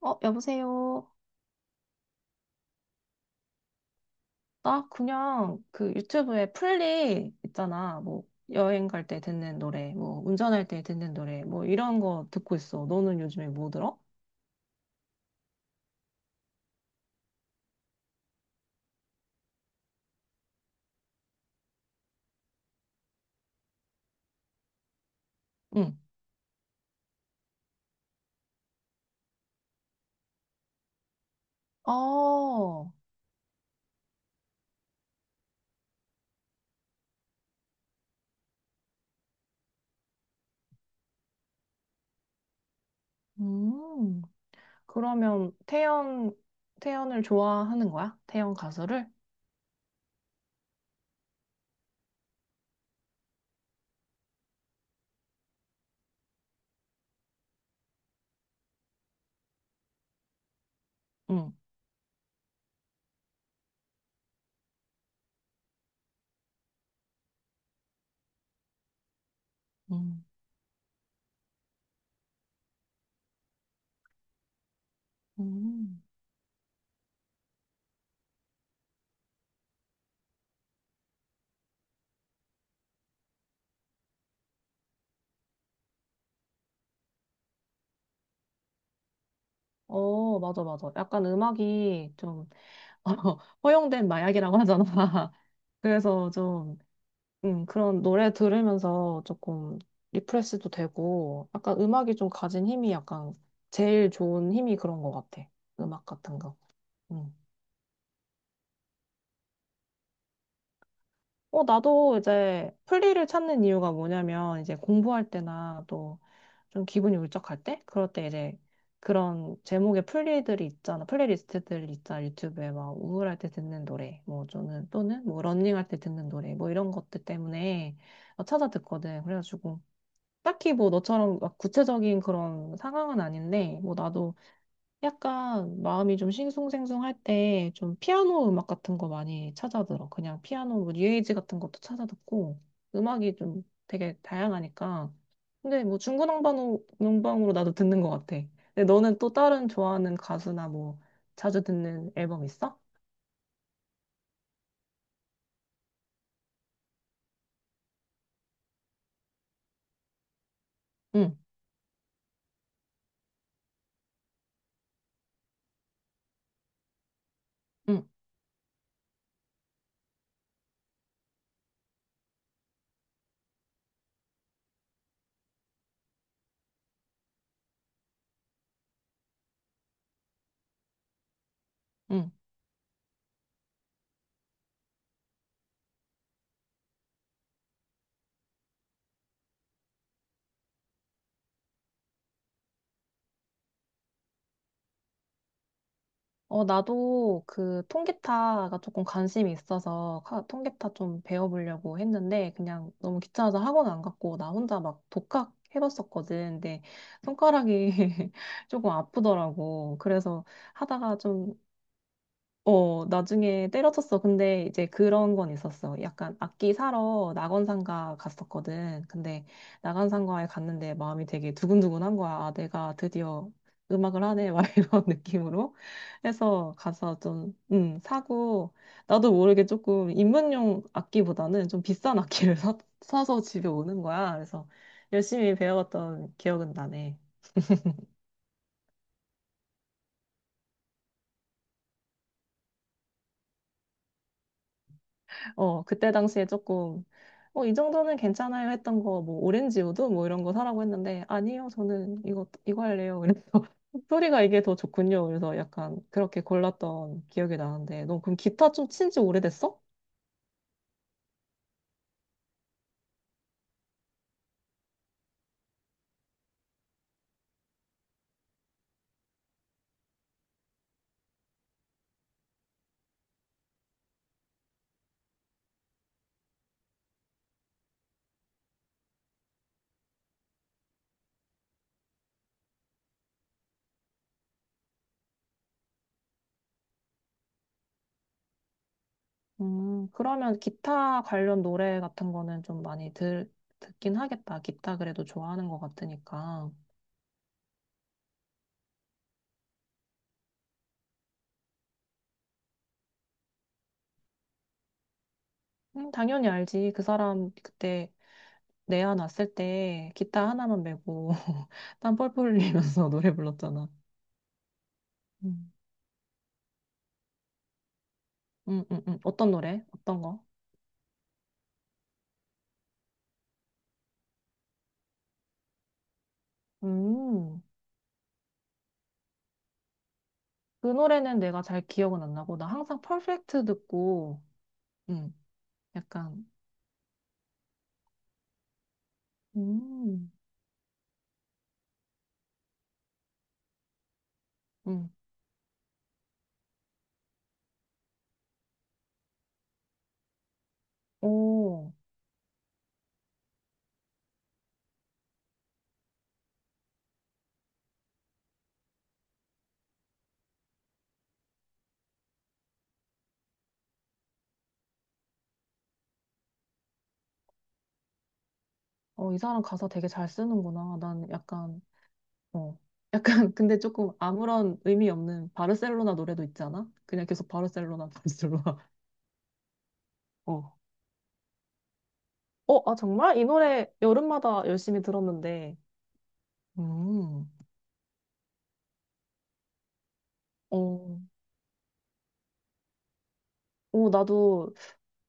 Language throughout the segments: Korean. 어, 여보세요. 나 그냥 그 유튜브에 플리 있잖아. 뭐 여행 갈 때 듣는 노래, 뭐 운전할 때 듣는 노래, 뭐 이런 거 듣고 있어. 너는 요즘에 뭐 들어? 응. 어, 음. 그러면 태연을 좋아하는 거야? 태연 가수를? 응. 음. 음. 어, 맞아, 맞아. 약간 음악이 좀 허용된 마약이라고 하잖아. 그래서 좀 그런 노래 들으면서 조금 리프레시도 되고, 약간 음악이 좀 가진 힘이 약간 제일 좋은 힘이 그런 것 같아. 음악 같은 거. 음. 어, 나도 이제 플리를 찾는 이유가 뭐냐면, 이제 공부할 때나 또 좀 기분이 울적할 때? 그럴 때 이제 그런 제목의 플리들이 있잖아. 플레이리스트들이 있잖아. 유튜브에 막 우울할 때 듣는 노래, 뭐 저는 또는 뭐 러닝할 때 듣는 노래, 뭐 이런 것들 때문에 찾아 듣거든. 그래가지고. 딱히 뭐 너처럼 막 구체적인 그런 상황은 아닌데, 뭐 나도 약간 마음이 좀 싱숭생숭할 때 좀 피아노 음악 같은 거 많이 찾아 들어. 그냥 피아노 뭐 뉴에이지 같은 것도 찾아 듣고, 음악이 좀 되게 다양하니까. 근데 뭐 중구난방으로 난방으로 나도 듣는 것 같아. 근데 너는 또 다른 좋아하는 가수나 뭐 자주 듣는 앨범 있어? 응, 응, 응. 어, 나도 그 통기타가 조금 관심이 있어서 통기타 좀 배워보려고 했는데 그냥 너무 귀찮아서 학원 안 갔고 나 혼자 막 독학 해봤었거든. 근데 손가락이 조금 아프더라고. 그래서 하다가 좀 나중에 때려쳤어. 근데 이제 그런 건 있었어. 약간 악기 사러 낙원상가 갔었거든. 근데 낙원상가에 갔는데 마음이 되게 두근두근한 거야. 아, 내가 드디어 음악을 하네. 막 이런 느낌으로 해서 가서 좀, 사고, 나도 모르게 조금 입문용 악기보다는 좀 비싼 악기를 사서 집에 오는 거야. 그래서 열심히 배워갔던 기억은 나네. 어, 그때 당시에 조금, 이 정도는 괜찮아요 했던 거, 뭐, 오렌지우드 뭐 이런 거 사라고 했는데, 아니요, 저는 이거 할래요. 그래서 소리가 이게 더 좋군요. 그래서 약간 그렇게 골랐던 기억이 나는데, 너 그럼 기타 좀 친지 오래됐어? 그러면 기타 관련 노래 같은 거는 좀 많이 듣긴 하겠다. 기타 그래도 좋아하는 것 같으니까. 당연히 알지. 그 사람 그때 내야 놨을 때 기타 하나만 메고 땀 뻘뻘 흘리면서 노래 불렀잖아. 음. 어떤 노래? 어떤 거? 음, 그 노래는 내가 잘 기억은 안 나고, 나 항상 퍼펙트 듣고, 음, 약간, 음, 음, 오, 어, 이 사람 가사 되게 잘 쓰는구나. 난 약간, 어, 약간, 근데 조금 아무런 의미 없는 바르셀로나 노래도 있잖아? 그냥 계속 바르셀로나, 바르셀로나, 어, 어, 아, 정말? 이 노래 여름마다 열심히 들었는데. 음, 어, 오, 나도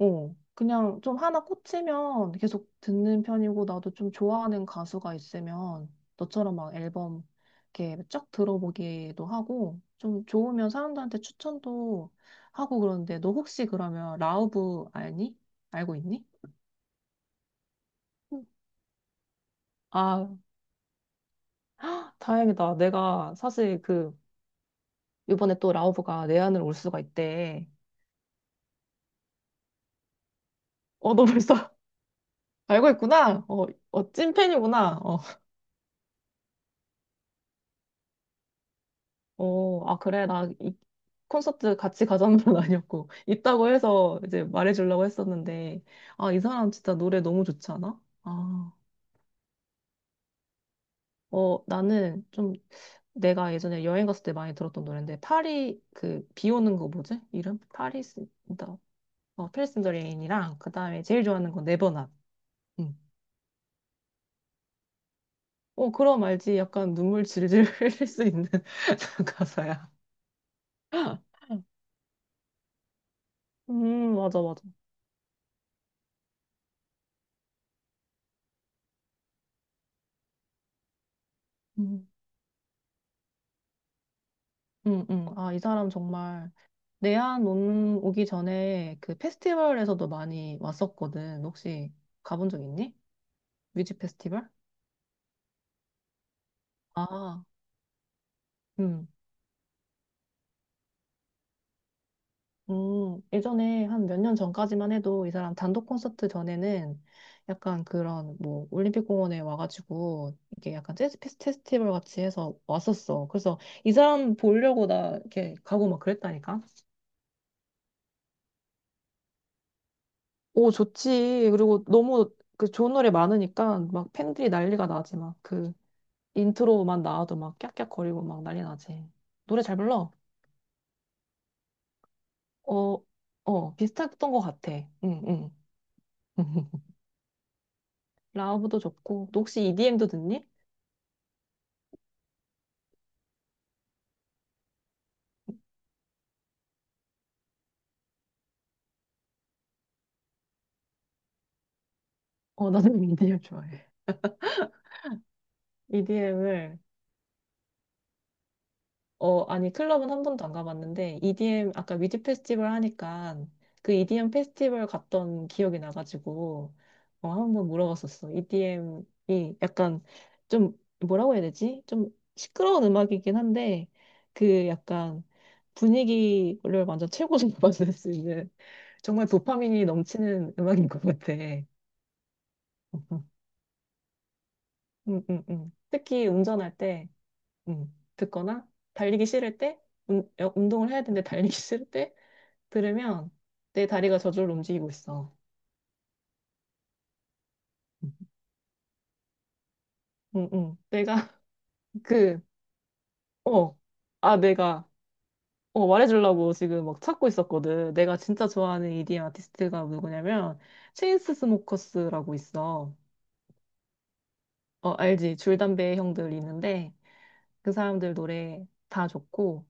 어, 그냥 좀 하나 꽂히면 계속 듣는 편이고, 나도 좀 좋아하는 가수가 있으면 너처럼 막 앨범 이렇게 쫙 들어보기도 하고, 좀 좋으면 사람들한테 추천도 하고 그러는데, 너 혹시 그러면 라우브 알니? 알고 있니? 아, 다행이다. 내가 사실 그, 이번에 또 라우브가 내 안으로 올 수가 있대. 어, 너 벌써 알고 있구나. 어, 어, 찐팬이구나. 어, 아, 그래. 나 이 콘서트 같이 가자는 건 아니었고, 있다고 해서 이제 말해주려고 했었는데, 아, 이 사람 진짜 노래 너무 좋지 않아? 아, 어, 나는 좀 내가 예전에 여행 갔을 때 많이 들었던 노래인데, 파리, 그, 비 오는 거 뭐지? 이름? 파리스, 더, 페리스 인더 레인이랑, 그 다음에 제일 좋아하는 건 네버낫. 응. 어, 그럼 알지. 약간 눈물 질질 흘릴 수 있는 가사야. 맞아, 맞아. 음. 응, 응. 아, 이 사람 정말 내한 오기 전에 그 페스티벌에서도 많이 왔었거든. 혹시 가본 적 있니? 뮤직 페스티벌? 아, 응. 예전에 한 몇 년 전까지만 해도 이 사람 단독 콘서트 전에는 약간 그런 뭐 올림픽 공원에 와가지고 이게 약간 재즈 페스티벌 같이 해서 왔었어. 그래서 이 사람 보려고 나 이렇게 가고 막 그랬다니까. 오, 좋지. 그리고 너무 그 좋은 노래 많으니까 막 팬들이 난리가 나지. 막 그 인트로만 나와도 막 깍깍거리고 막 난리 나지. 노래 잘 불러? 어, 어, 비슷했던 것 같아. 응, 응. 라우브도 좋고. 너 혹시 EDM도 듣니? 어, 나도 EDM 좋아해. EDM을 어, 아니, 클럽은 한 번도 안 가봤는데, EDM, 아까 위드 페스티벌 하니까, 그 EDM 페스티벌 갔던 기억이 나가지고, 한번 물어봤었어. EDM이 약간 좀, 뭐라고 해야 되지? 좀 시끄러운 음악이긴 한데, 그 약간 분위기를 완전 최고로 만들 수 있는, 정말 도파민이 넘치는 음악인 것 같아. 응, 응, 응. 특히 운전할 때, 듣거나 달리기 싫을 때 운동을 해야 되는데 달리기 싫을 때 들으면 내 다리가 저절로 움직이고 있어. 응, 응. 응. 내가 그, 어, 아, 내가 말해주려고 지금 막 찾고 있었거든. 내가 진짜 좋아하는 EDM 아티스트가 누구냐면 체인스 스모커스라고 있어. 어, 알지? 줄담배 형들 있는데 그 사람들 노래 다 좋고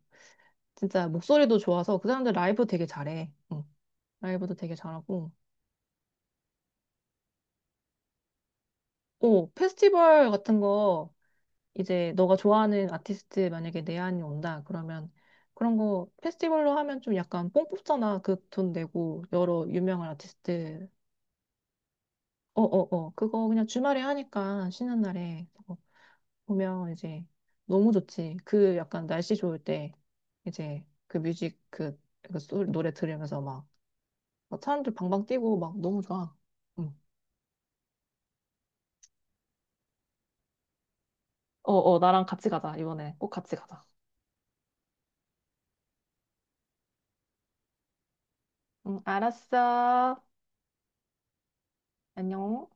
진짜 목소리도 좋아서 그 사람들 라이브 되게 잘해. 응. 라이브도 되게 잘하고. 오, 페스티벌 같은 거, 이제 너가 좋아하는 아티스트 만약에 내한이 온다, 그러면 그런 거 페스티벌로 하면 좀 약간 뽕 뽑잖아. 그 돈 내고 여러 유명한 아티스트. 어, 어, 어. 그거 그냥 주말에 하니까 쉬는 날에 그거 보면 이제 너무 좋지. 그 약간 날씨 좋을 때 이제 그 뮤직 노래 들으면서 막, 막 사람들 방방 뛰고 막 너무 좋아. 응. 어, 어, 나랑 같이 가자, 이번에. 꼭 같이 가자. 응, 알았어. 안녕.